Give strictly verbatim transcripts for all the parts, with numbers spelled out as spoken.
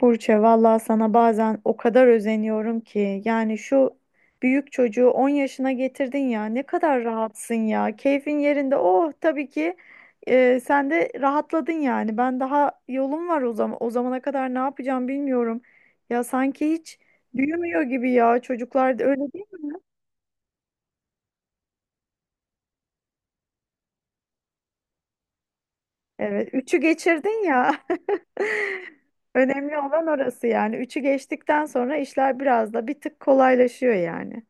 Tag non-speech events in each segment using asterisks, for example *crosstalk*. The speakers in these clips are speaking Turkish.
Burçe, vallahi sana bazen o kadar özeniyorum ki. Yani şu büyük çocuğu on yaşına getirdin ya. Ne kadar rahatsın ya. Keyfin yerinde. Oh, tabii ki e, sen de rahatladın yani. Ben daha yolum var o zaman. O zamana kadar ne yapacağım bilmiyorum. Ya sanki hiç büyümüyor gibi ya. Çocuklar da öyle değil mi? Evet, üçü geçirdin ya. *laughs* Önemli olan orası yani. Üçü geçtikten sonra işler biraz da bir tık kolaylaşıyor yani.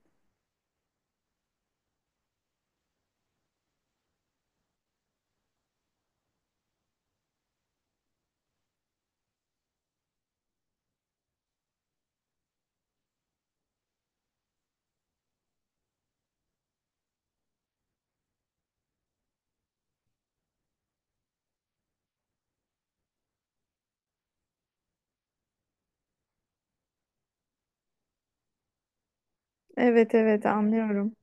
Evet evet, anlıyorum.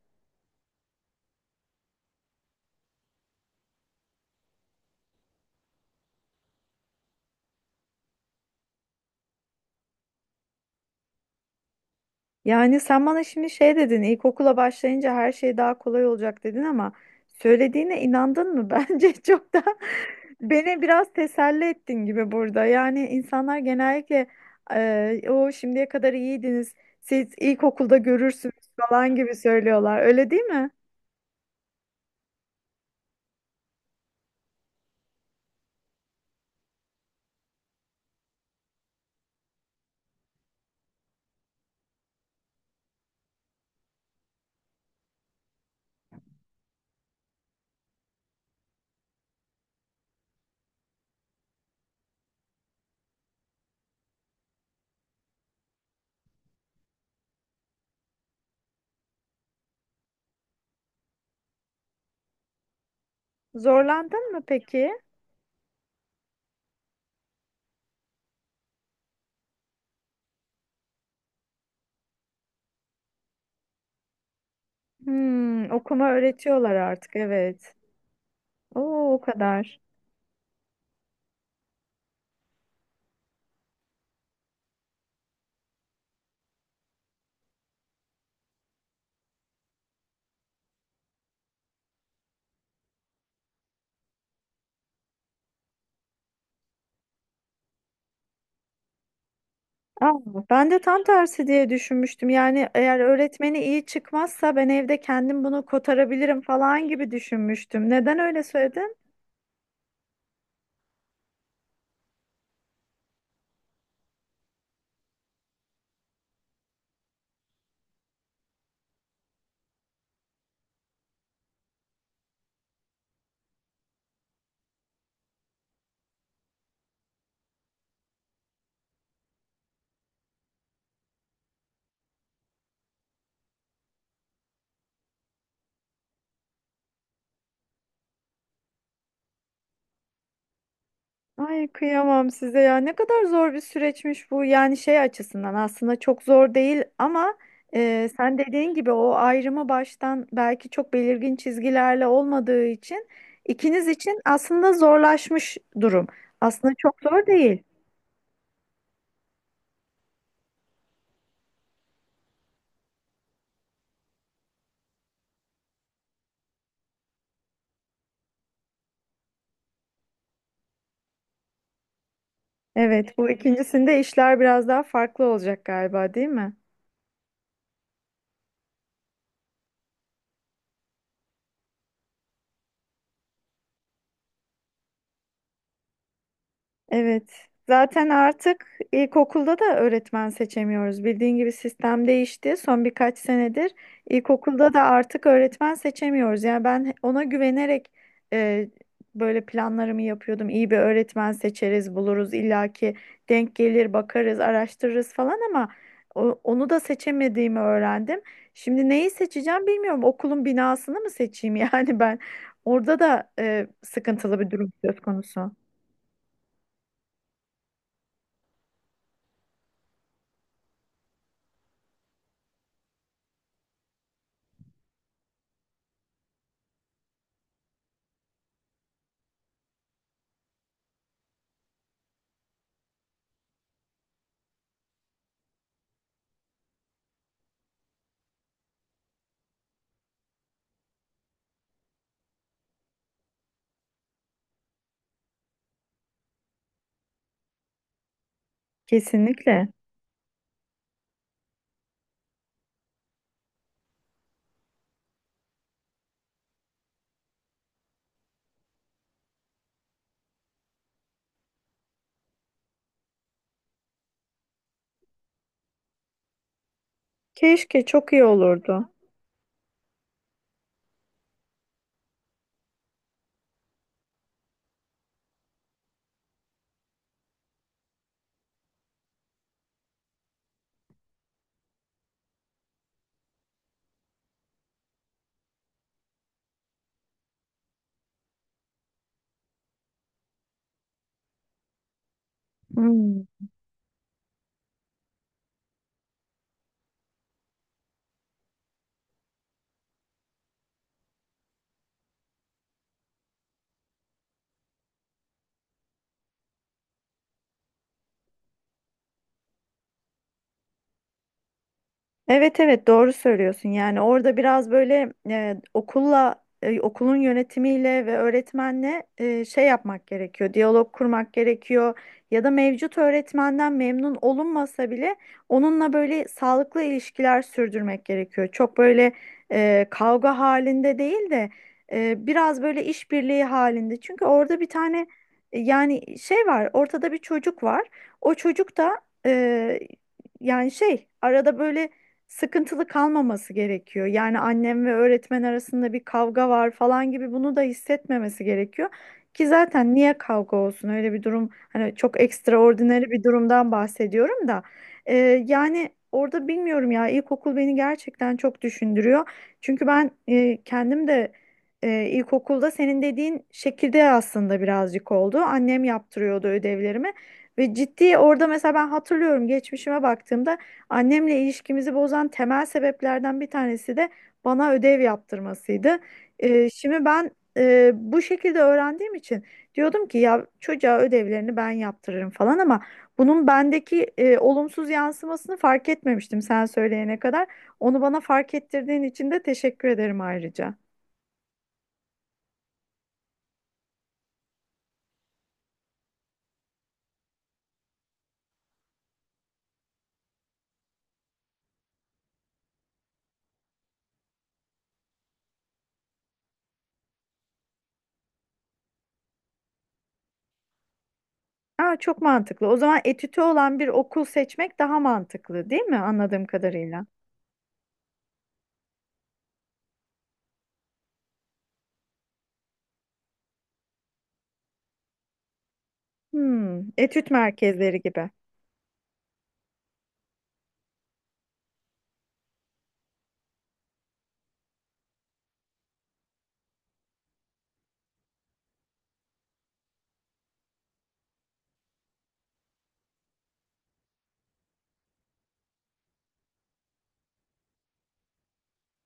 Yani sen bana şimdi şey dedin, ilkokula başlayınca her şey daha kolay olacak dedin ama söylediğine inandın mı? *laughs* Bence çok da beni biraz teselli ettin gibi burada. Yani insanlar genellikle eee, o şimdiye kadar iyiydiniz, siz ilkokulda görürsünüz falan gibi söylüyorlar. Öyle değil mi? Zorlandın mı peki? Hmm, okuma öğretiyorlar artık, evet. Oo, o kadar. Aa, ben de tam tersi diye düşünmüştüm. Yani eğer öğretmeni iyi çıkmazsa ben evde kendim bunu kotarabilirim falan gibi düşünmüştüm. Neden öyle söyledin? Ay, kıyamam size ya. Ne kadar zor bir süreçmiş bu. Yani şey açısından aslında çok zor değil ama e, sen dediğin gibi o ayrımı baştan belki çok belirgin çizgilerle olmadığı için ikiniz için aslında zorlaşmış durum. Aslında çok zor değil. Evet, bu ikincisinde işler biraz daha farklı olacak galiba, değil mi? Evet. Zaten artık ilkokulda da öğretmen seçemiyoruz. Bildiğin gibi sistem değişti. Son birkaç senedir ilkokulda da artık öğretmen seçemiyoruz. Yani ben ona güvenerek e, böyle planlarımı yapıyordum. İyi bir öğretmen seçeriz, buluruz, illaki denk gelir, bakarız, araştırırız falan ama o- onu da seçemediğimi öğrendim. Şimdi neyi seçeceğim bilmiyorum. Okulun binasını mı seçeyim *laughs* yani ben? Orada da e, sıkıntılı bir durum söz konusu. Kesinlikle. Keşke çok iyi olurdu. Hmm. Evet evet, doğru söylüyorsun. Yani orada biraz böyle e, okulla e, okulun yönetimiyle ve öğretmenle e, şey yapmak gerekiyor. Diyalog kurmak gerekiyor. Ya da mevcut öğretmenden memnun olunmasa bile onunla böyle sağlıklı ilişkiler sürdürmek gerekiyor. Çok böyle e, kavga halinde değil de e, biraz böyle işbirliği halinde. Çünkü orada bir tane e, yani şey var. Ortada bir çocuk var. O çocuk da e, yani şey arada böyle sıkıntılı kalmaması gerekiyor. Yani annem ve öğretmen arasında bir kavga var falan gibi bunu da hissetmemesi gerekiyor. Ki zaten niye kavga olsun öyle bir durum, hani çok ekstraordinary bir durumdan bahsediyorum da. Ee, yani orada bilmiyorum ya, ilkokul beni gerçekten çok düşündürüyor. Çünkü ben e, kendim de e, ilkokulda senin dediğin şekilde aslında birazcık oldu. Annem yaptırıyordu ödevlerimi ve ciddi orada mesela ben hatırlıyorum, geçmişime baktığımda annemle ilişkimizi bozan temel sebeplerden bir tanesi de bana ödev yaptırmasıydı. Ee, şimdi ben e, bu şekilde öğrendiğim için diyordum ki ya çocuğa ödevlerini ben yaptırırım falan ama bunun bendeki e, olumsuz yansımasını fark etmemiştim sen söyleyene kadar. Onu bana fark ettirdiğin için de teşekkür ederim ayrıca. Aa, çok mantıklı. O zaman etütü olan bir okul seçmek daha mantıklı, değil mi? Anladığım kadarıyla. Hmm, etüt merkezleri gibi.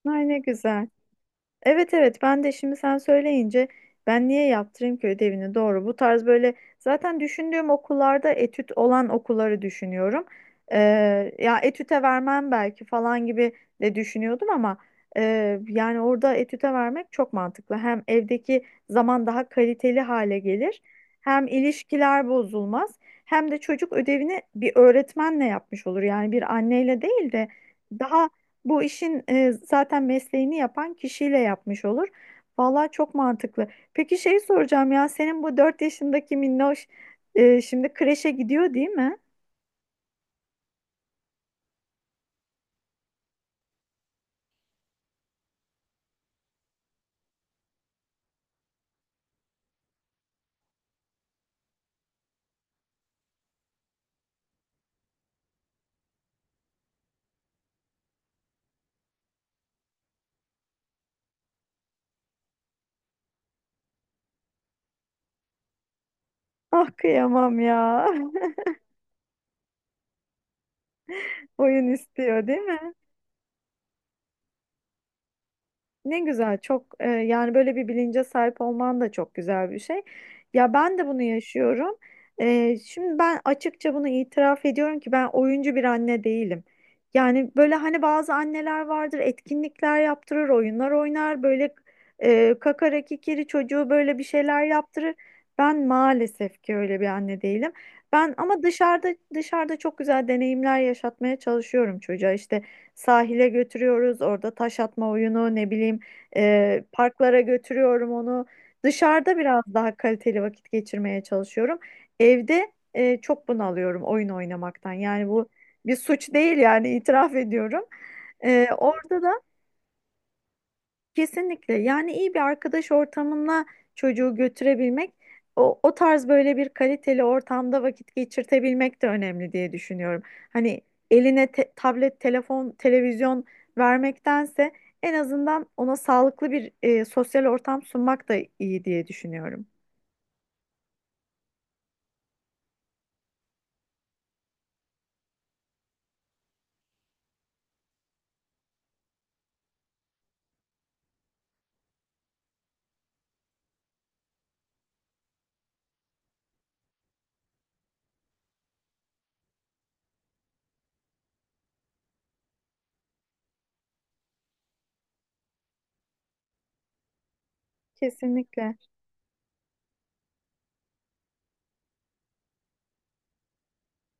Ay, ne güzel. Evet evet, ben de şimdi sen söyleyince ben niye yaptırayım ki ödevini, doğru, bu tarz böyle zaten düşündüğüm okullarda etüt olan okulları düşünüyorum. Ee, Ya etüte vermem belki falan gibi de düşünüyordum ama e, yani orada etüte vermek çok mantıklı. Hem evdeki zaman daha kaliteli hale gelir, hem ilişkiler bozulmaz, hem de çocuk ödevini bir öğretmenle yapmış olur, yani bir anneyle değil de daha bu işin e, zaten mesleğini yapan kişiyle yapmış olur. Vallahi çok mantıklı. Peki şey soracağım ya, senin bu dört yaşındaki minnoş e, şimdi kreşe gidiyor değil mi? *laughs* Ah, kıyamam ya. *laughs* Oyun istiyor değil mi? Ne güzel, çok e, yani böyle bir bilince sahip olman da çok güzel bir şey. Ya ben de bunu yaşıyorum. E, şimdi ben açıkça bunu itiraf ediyorum ki ben oyuncu bir anne değilim. Yani böyle hani bazı anneler vardır, etkinlikler yaptırır, oyunlar oynar, böyle e, kakara kikiri çocuğu böyle bir şeyler yaptırır. Ben maalesef ki öyle bir anne değilim. Ben ama dışarıda dışarıda çok güzel deneyimler yaşatmaya çalışıyorum çocuğa. İşte sahile götürüyoruz. Orada taş atma oyunu, ne bileyim, e, parklara götürüyorum onu. Dışarıda biraz daha kaliteli vakit geçirmeye çalışıyorum. Evde e, çok bunalıyorum oyun oynamaktan. Yani bu bir suç değil, yani itiraf ediyorum. E, orada da Kesinlikle. Yani iyi bir arkadaş ortamına çocuğu götürebilmek, o, o tarz böyle bir kaliteli ortamda vakit geçirtebilmek de önemli diye düşünüyorum. Hani eline te- tablet, telefon, televizyon vermektense en azından ona sağlıklı bir e, sosyal ortam sunmak da iyi diye düşünüyorum. Kesinlikle.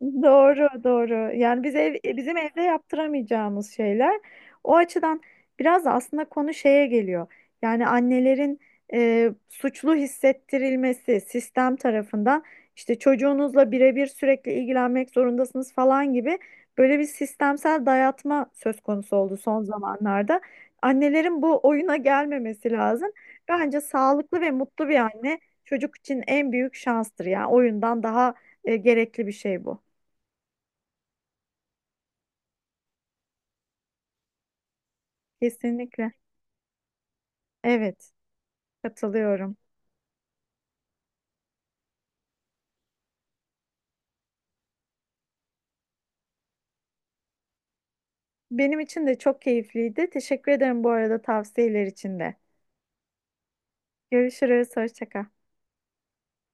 Doğru, doğru. Yani biz ev, e, bizim evde yaptıramayacağımız şeyler. O açıdan biraz da aslında konu şeye geliyor. Yani annelerin e, suçlu hissettirilmesi sistem tarafından, işte çocuğunuzla birebir sürekli ilgilenmek zorundasınız falan gibi böyle bir sistemsel dayatma söz konusu oldu son zamanlarda. Annelerin bu oyuna gelmemesi lazım. Bence sağlıklı ve mutlu bir anne çocuk için en büyük şanstır. Yani oyundan daha e, gerekli bir şey bu. Kesinlikle. Evet, katılıyorum. Benim için de çok keyifliydi. Teşekkür ederim bu arada tavsiyeler için de. Görüşürüz, hoşça kal.